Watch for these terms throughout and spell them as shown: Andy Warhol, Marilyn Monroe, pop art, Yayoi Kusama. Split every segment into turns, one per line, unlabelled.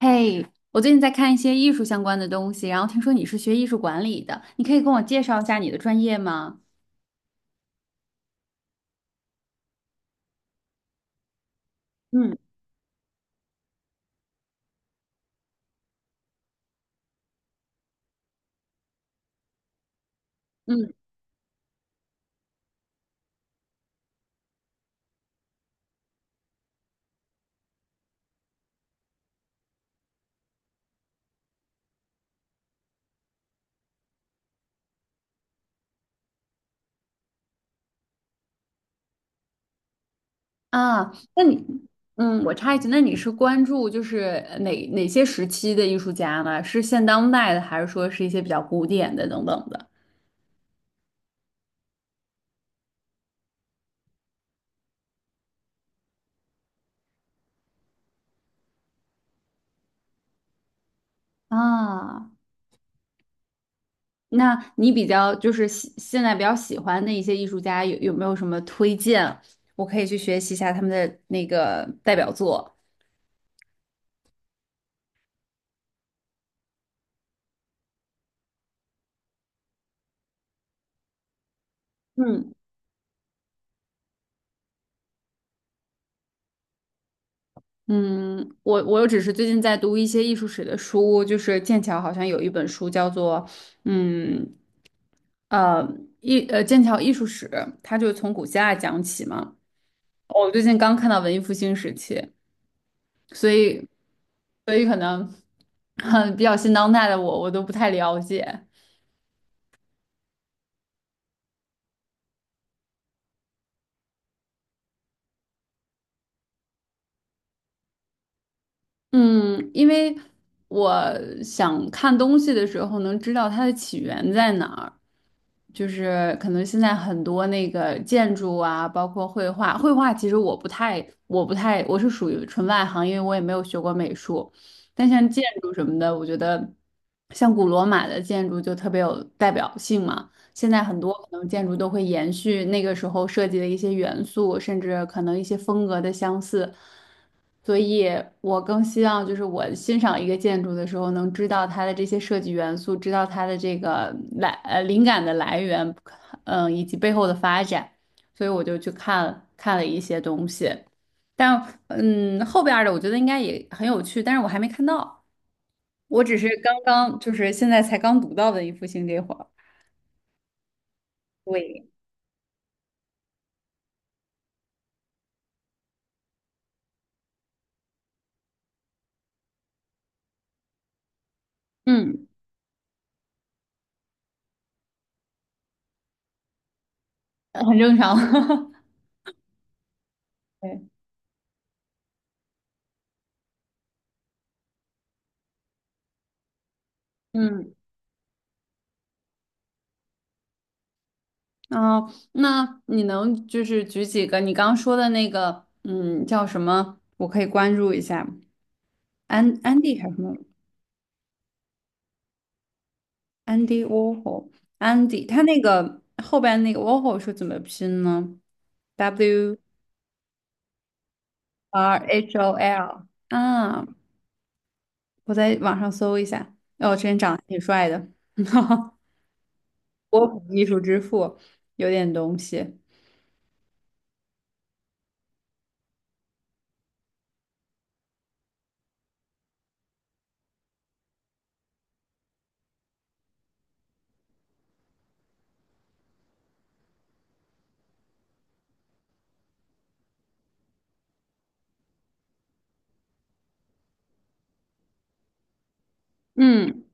嘿，我最近在看一些艺术相关的东西，然后听说你是学艺术管理的，你可以跟我介绍一下你的专业吗？嗯嗯那你，我插一句，那你是关注就是哪些时期的艺术家呢？是现当代的，还是说是一些比较古典的等等的？啊，那你比较就是现在比较喜欢的一些艺术家有没有什么推荐？我可以去学习一下他们的那个代表作。嗯。我只是最近在读一些艺术史的书，就是剑桥好像有一本书叫做，嗯呃艺呃剑桥艺术史，它就从古希腊讲起嘛。我最近刚看到文艺复兴时期，所以所以可能 比较新当代的我都不太了解。嗯，因为我想看东西的时候能知道它的起源在哪儿，就是可能现在很多那个建筑啊，包括绘画，绘画其实我不太，我不太，我是属于纯外行，因为我也没有学过美术，但像建筑什么的，我觉得像古罗马的建筑就特别有代表性嘛。现在很多可能建筑都会延续那个时候设计的一些元素，甚至可能一些风格的相似，所以我更希望就是我欣赏一个建筑的时候，能知道它的这些设计元素，知道它的这个灵感的来源，嗯，以及背后的发展，所以我就去看看了一些东西，但后边儿的我觉得应该也很有趣，但是我还没看到，我只是刚刚就是现在才刚读到的一幅新这会儿，对，嗯。很正常。对，嗯，哦，那你能就是举几个你刚刚说的那个，嗯，叫什么？我可以关注一下。安迪还是什么？安迪沃霍，安迪，他那个后边那个沃霍是怎么拼呢？W R H O L 啊，我在网上搜一下。哦，真长得挺帅的，波普艺术之父，有点东西。嗯，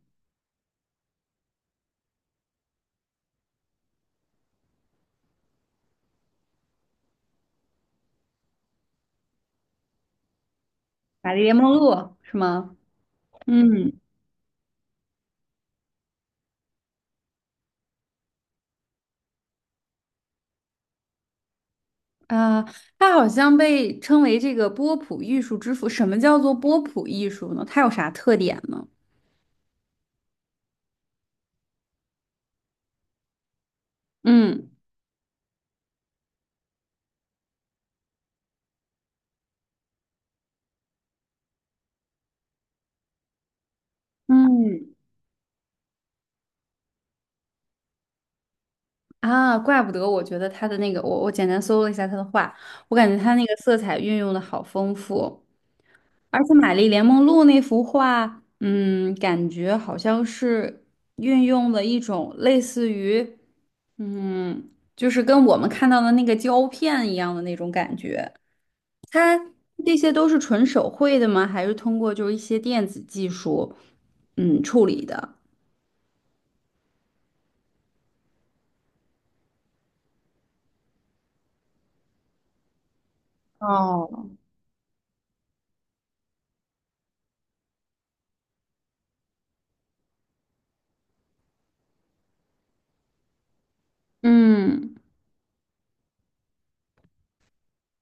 玛丽莲梦露是吗？嗯。啊，它好像被称为这个波普艺术之父。什么叫做波普艺术呢？它有啥特点呢？嗯嗯，啊，怪不得我觉得他的那个，我我简单搜了一下他的画，我感觉他那个色彩运用的好丰富，而且《玛丽莲梦露》那幅画，嗯，感觉好像是运用了一种类似于，嗯，就是跟我们看到的那个胶片一样的那种感觉。这些都是纯手绘的吗？还是通过就是一些电子技术，嗯，处理的？哦，嗯，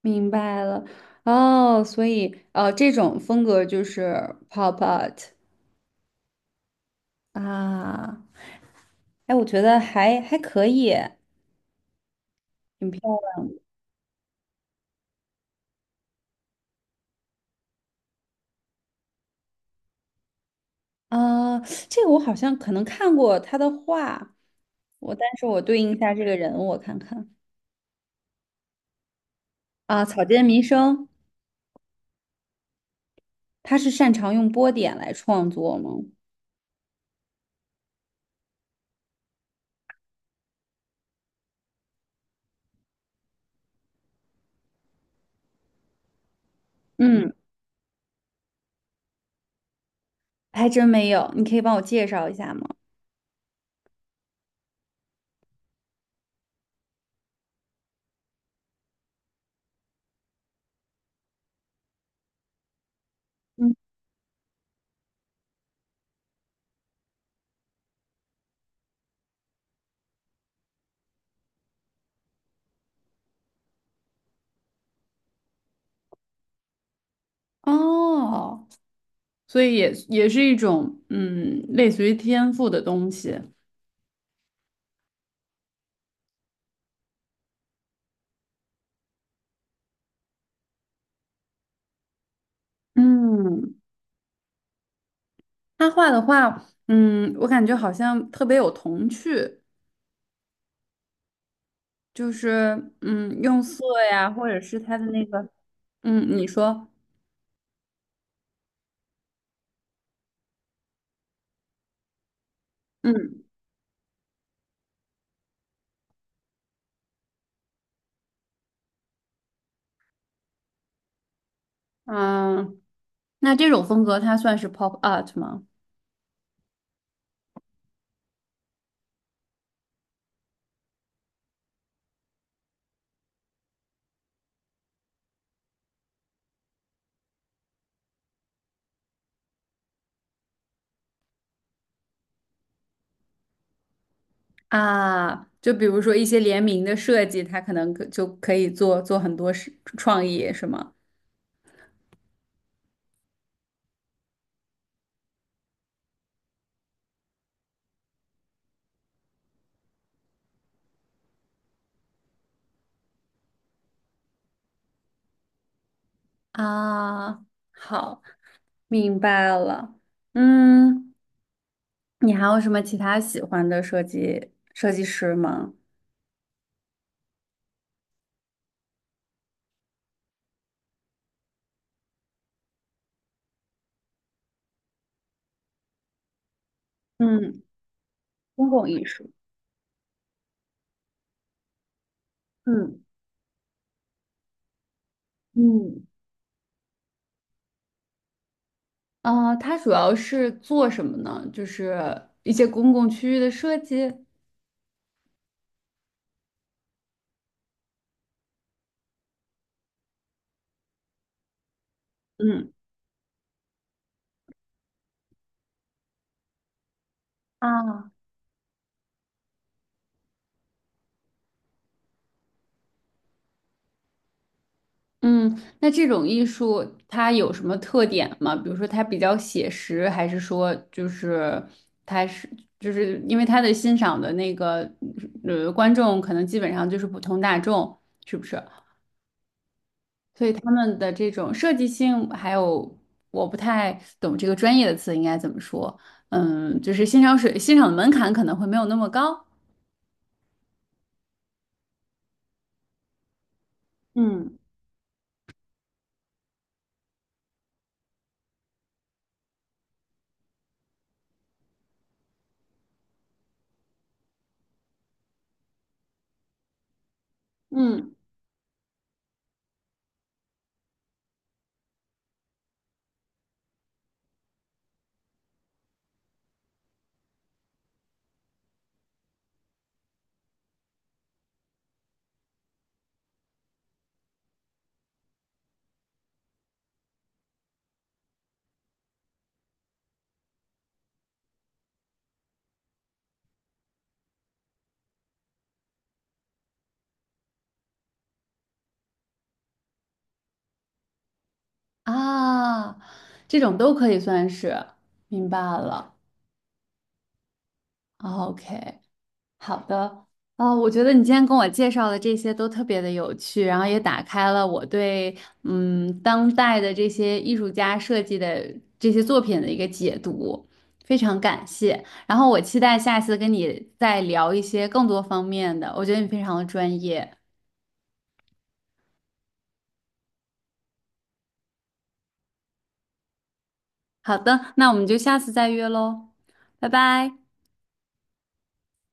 明白了。哦，所以这种风格就是 pop art 啊。哎，我觉得还可以。挺漂亮啊，这个我好像可能看过他的画，但是我对应一下这个人，我看看啊，草间弥生，他是擅长用波点来创作吗？嗯。还真没有，你可以帮我介绍一下吗？嗯，哦，所以也是一种嗯，类似于天赋的东西。嗯，他画的画，嗯，我感觉好像特别有童趣，就是嗯，用色呀，或者是他的那个，嗯，你说，嗯啊，那这种风格它算是 pop art 吗？啊，就比如说一些联名的设计，它可能就可以做很多是创意，是吗？啊，好，明白了。嗯，你还有什么其他喜欢的设计师吗？嗯，公共艺术。嗯，嗯，啊，他主要是做什么呢？就是一些公共区域的设计。嗯，啊。嗯，那这种艺术它有什么特点吗？比如说它比较写实，还是说就是它是就是因为它的欣赏的那个呃观众可能基本上就是普通大众，是不是？所以他们的这种设计性，还有我不太懂这个专业的词应该怎么说，嗯，就是欣赏的门槛可能会没有那么高。嗯嗯啊，这种都可以算是明白了。OK。好的，啊、我觉得你今天跟我介绍的这些都特别的有趣，然后也打开了我对嗯当代的这些艺术家设计的这些作品的一个解读，非常感谢。然后我期待下次跟你再聊一些更多方面的，我觉得你非常的专业。好的，那我们就下次再约喽，拜拜。